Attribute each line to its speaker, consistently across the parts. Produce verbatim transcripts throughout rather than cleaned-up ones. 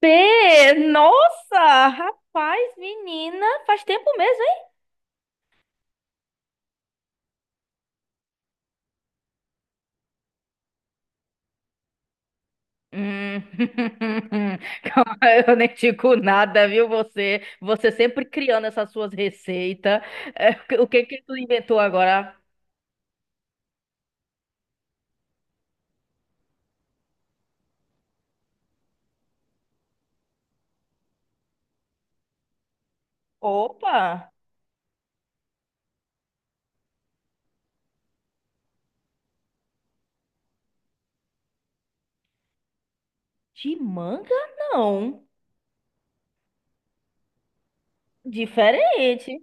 Speaker 1: P! Nossa! Rapaz, menina, faz tempo mesmo, hein? Hum. Calma, eu nem digo nada, viu? Você, você sempre criando essas suas receitas. É, o que que tu inventou agora? Opa! De manga, não. Diferente.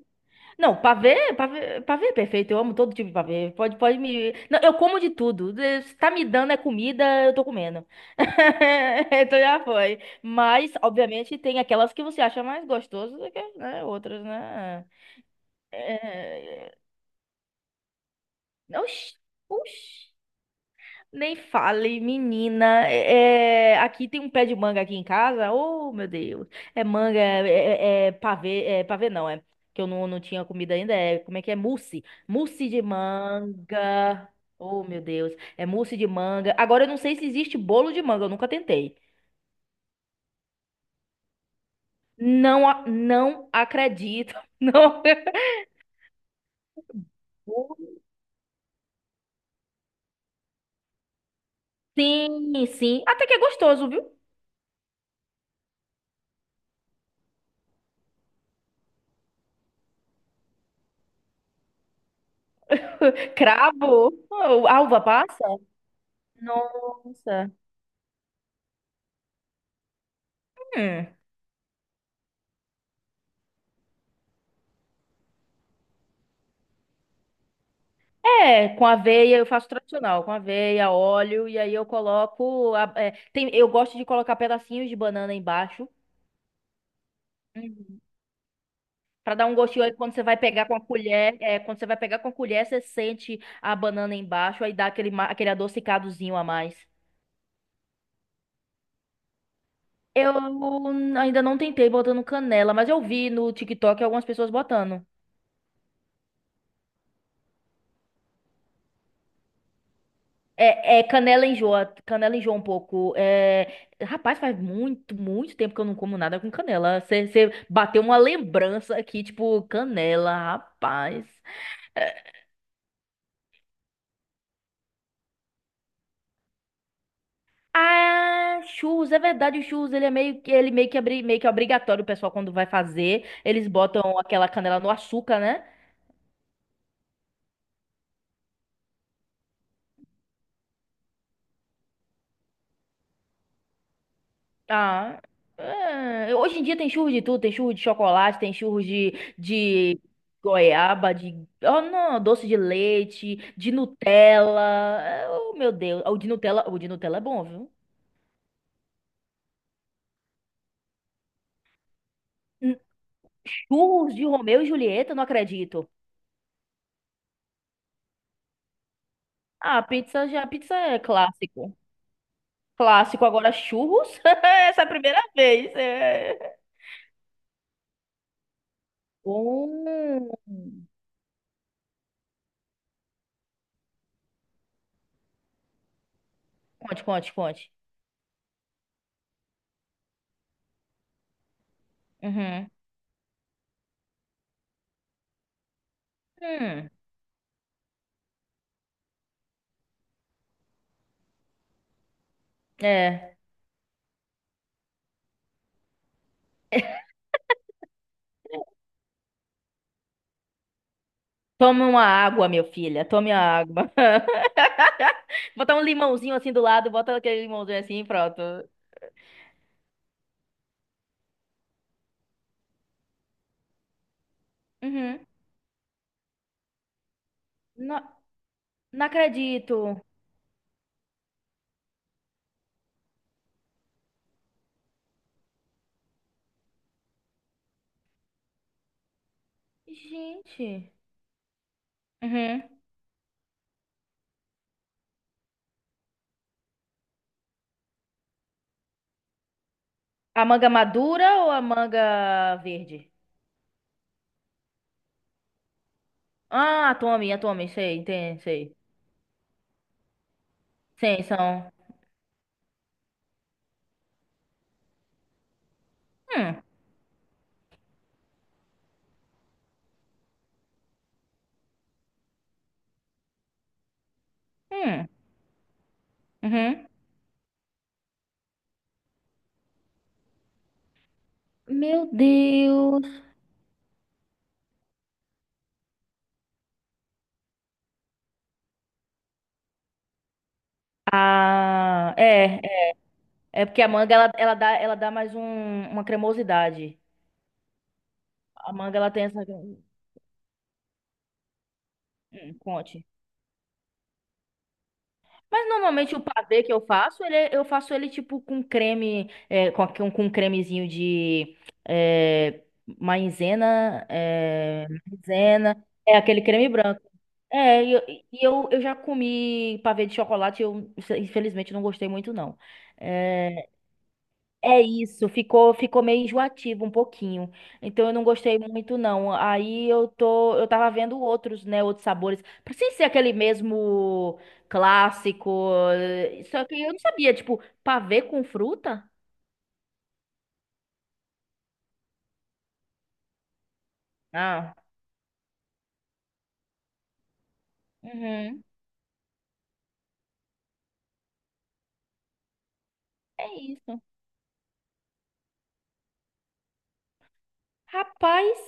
Speaker 1: Não, pavê, pavê, pavê é perfeito. Eu amo todo tipo de pavê. Pode, pode me. Não, eu como de tudo. De- Se tá me dando é comida, eu tô comendo. Então já foi. Mas, obviamente, tem aquelas que você acha mais gostosas do que, né, outras, né? É... Oxi, oxi. Nem fale, menina. É, é, aqui tem um pé de manga aqui em casa. Oh, meu Deus. É manga, é, é, é pavê, é pavê não, é. Que eu não, não tinha comida ainda. É, como é que é? Mousse. Mousse de manga. Oh, meu Deus. É mousse de manga. Agora eu não sei se existe bolo de manga, eu nunca tentei. Não, a- não acredito. Não. Sim, sim. Até que é gostoso, viu? Cravo. Oh, Alva passa. Nossa. Hum. É, com aveia, eu faço tradicional, com aveia, óleo, e aí eu coloco. A- é, tem, eu gosto de colocar pedacinhos de banana embaixo. Uhum. Pra dar um gostinho aí quando você vai pegar com a colher. É, quando você vai pegar com a colher, você sente a banana embaixo, aí dá aquele, ma- aquele adocicadozinho a mais. Eu ainda não tentei botando canela, mas eu vi no TikTok algumas pessoas botando. É, é, canela enjoa, canela enjoa um pouco. É, rapaz, faz muito, muito tempo que eu não como nada com canela. Você bateu uma lembrança aqui, tipo, canela, rapaz. É, ah, churros, é verdade, o churros, ele é meio que ele meio que abri, meio que é obrigatório, o pessoal quando vai fazer, eles botam aquela canela no açúcar, né? Ah, é, hoje em dia tem churros de tudo, tem churros de chocolate, tem churros de, de goiaba, de, oh não, doce de leite, de Nutella. É, oh meu Deus, o de Nutella, o de Nutella é bom, viu? Hum. Churros de Romeu e Julieta, não acredito. Ah, pizza já, pizza é clássico. Clássico, agora churros? Essa é a primeira vez. É. Hum. Conte, conte, conte. Uhum. Hum. É. Tome uma água, meu filha. Tome a água. Botar um limãozinho assim do lado, bota aquele limãozinho assim e pronto. Uhum. Não, não acredito. Gente. Uhum. A manga madura ou a manga verde? Ah, a Tommy, a Tommy, sei, entendi, sei. Sim, são. Hum, hum, uhum. Meu Deus. Ah, é, é, é porque a manga ela, ela dá, ela dá mais um, uma cremosidade. A manga ela tem essa. Hum, conte. Mas normalmente o pavê que eu faço, ele, é- eu faço ele tipo com creme, é, com, aqui um- com um cremezinho de é, maizena, é, maizena, é aquele creme branco. É, e eu, e eu, eu já comi pavê de chocolate, eu infelizmente não gostei muito não. É, é isso, ficou ficou meio enjoativo um pouquinho. Então eu não gostei muito não. Aí eu tô eu tava vendo outros, né, outros sabores, pra sem ser aquele mesmo clássico. eh, Só que eu não sabia, tipo, pavê com fruta? Ah. Uhum. É isso. Rapaz.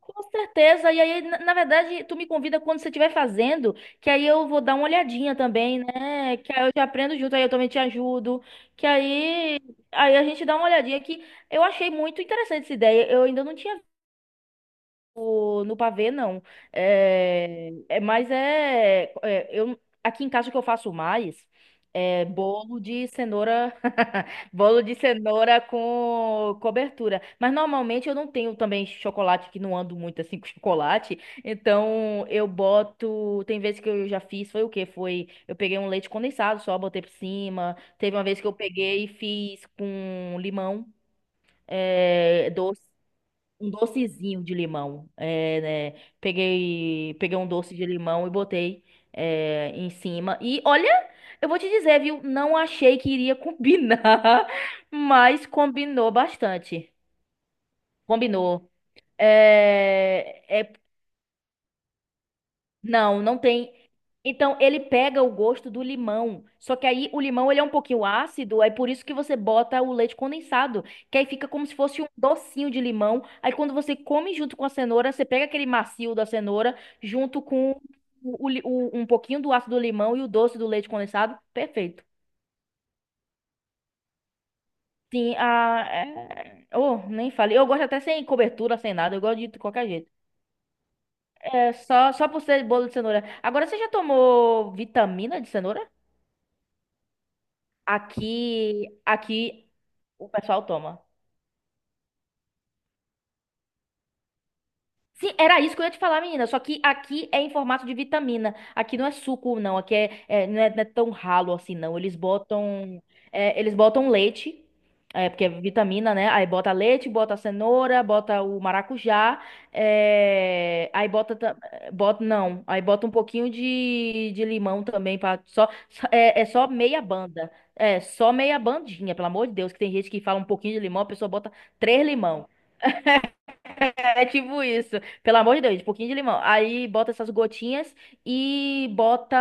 Speaker 1: Com certeza. E aí, na na verdade, tu me convida quando você estiver fazendo, que aí eu vou dar uma olhadinha também, né? Que aí eu te aprendo junto, aí eu também te ajudo. Que aí, aí a gente dá uma olhadinha que eu achei muito interessante essa ideia. Eu ainda não tinha no pavê, não. É, é, mas é, é, eu, aqui em casa o que eu faço mais é bolo de cenoura, bolo de cenoura com cobertura. Mas normalmente eu não tenho também chocolate, que não ando muito assim com chocolate. Então eu boto. Tem vezes que eu já fiz, foi o quê? Foi. Eu peguei um leite condensado só, botei por cima. Teve uma vez que eu peguei e fiz com limão. É, um docezinho de limão. É, né? Peguei, peguei um doce de limão e botei é, em cima. E olha, eu vou te dizer, viu? Não achei que iria combinar, mas combinou bastante. Combinou. É, é Não, não tem. Então, ele pega o gosto do limão. Só que aí o limão ele é um pouquinho ácido, é por isso que você bota o leite condensado, que aí fica como se fosse um docinho de limão. Aí quando você come junto com a cenoura, você pega aquele macio da cenoura junto com o, o li- o- um pouquinho do ácido do limão e o doce do leite condensado. Perfeito. Sim, a é- oh, nem falei. Eu gosto até sem cobertura, sem nada, eu gosto de qualquer jeito. É só só por ser bolo de cenoura. Agora você já tomou vitamina de cenoura? Aqui, aqui o pessoal toma. Sim, era isso que eu ia te falar, menina. Só que aqui é em formato de vitamina. Aqui não é suco, não. Aqui é, é- não é, não é tão ralo assim, não. Eles botam, é, eles botam leite, é, porque é vitamina, né? Aí bota leite, bota cenoura, bota o maracujá, é, aí bota, ta- bota, não. Aí bota um pouquinho de, de limão também para só, só- é, é só meia banda. É, só meia bandinha, pelo amor de Deus, que tem gente que fala um pouquinho de limão, a pessoa bota três limão. É tipo isso. Pelo amor de Deus, um pouquinho de limão. Aí bota essas gotinhas e bota.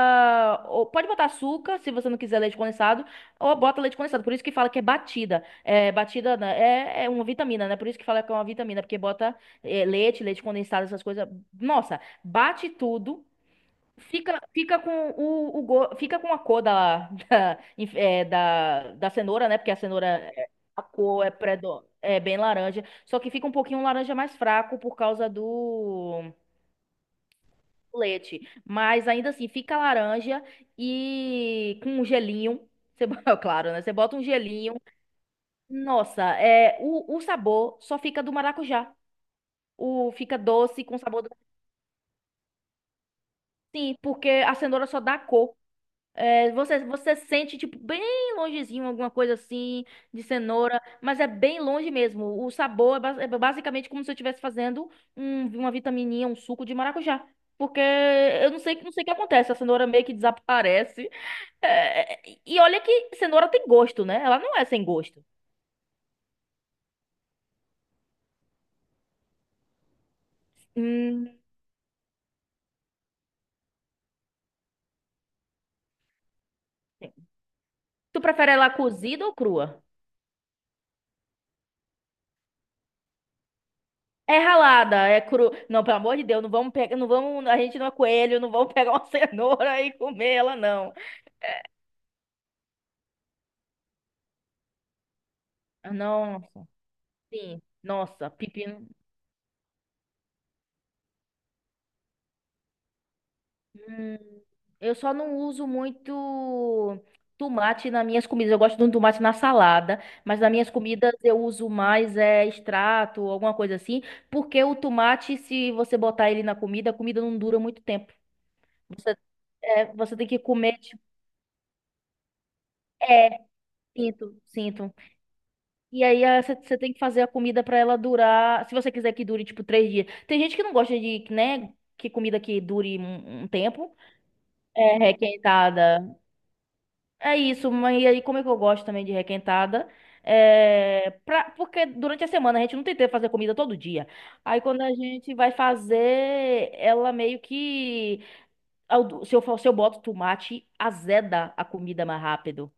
Speaker 1: Ou pode botar açúcar, se você não quiser leite condensado, ou bota leite condensado. Por isso que fala que é batida. É, batida né, é, é uma vitamina, né? Por isso que fala que é uma vitamina, porque bota é, leite, leite condensado, essas coisas. Nossa, bate tudo. Fica, fica com o, o go- fica com a cor da, da, inf- é, da, da cenoura, né? Porque a cenoura, é- a cor é, predo, é bem laranja. Só que fica um pouquinho laranja mais fraco por causa do leite. Mas ainda assim, fica laranja e com um gelinho. Você, bo- Claro, né? Você bota um gelinho. Nossa, é, o, o sabor só fica do maracujá. O, fica doce com sabor do... Sim, porque a cenoura só dá cor. É, você, você sente, tipo, bem longezinho, alguma coisa assim, de cenoura, mas é bem longe mesmo. O sabor é, ba- é basicamente como se eu estivesse fazendo um- uma vitamininha, um suco de maracujá. Porque eu não sei, não sei o que acontece, a cenoura meio que desaparece. É, é, e olha que cenoura tem gosto, né? Ela não é sem gosto. Hum, tu prefere ela cozida ou crua? É ralada, é cru. Não, pelo amor de Deus, não vamos pegar, não vamos, a gente não é coelho, não vamos pegar uma cenoura e comer ela, não. Não. Sim. Nossa, pepino. Hum, eu só não uso muito tomate nas minhas comidas. Eu gosto de um tomate na salada, mas nas minhas comidas eu uso mais é, extrato, alguma coisa assim, porque o tomate, se você botar ele na comida, a comida não dura muito tempo. Você, é, você tem que comer, tipo, é, sinto, sinto. E aí é, você você tem que fazer a comida pra ela durar, se você quiser que dure, tipo, três dias. Tem gente que não gosta de, né, que comida que dure um um tempo. É requentada. É isso, mas e aí como é que eu gosto também de requentada? É, pra, porque durante a semana a gente não tem tempo de fazer comida todo dia. Aí quando a gente vai fazer, ela meio que. ao- Se eu, fa- se eu boto tomate, azeda a comida mais rápido.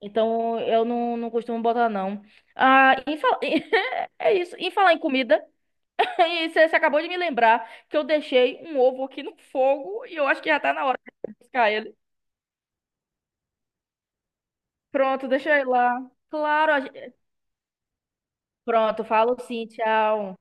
Speaker 1: Então eu não, não costumo botar, não. Ah, em fal- é isso. Em falar em comida, e você você acabou de me lembrar que eu deixei um ovo aqui no fogo e eu acho que já tá na hora de buscar ele. Pronto, deixa eu ir lá. Claro. Pronto, falo sim, tchau.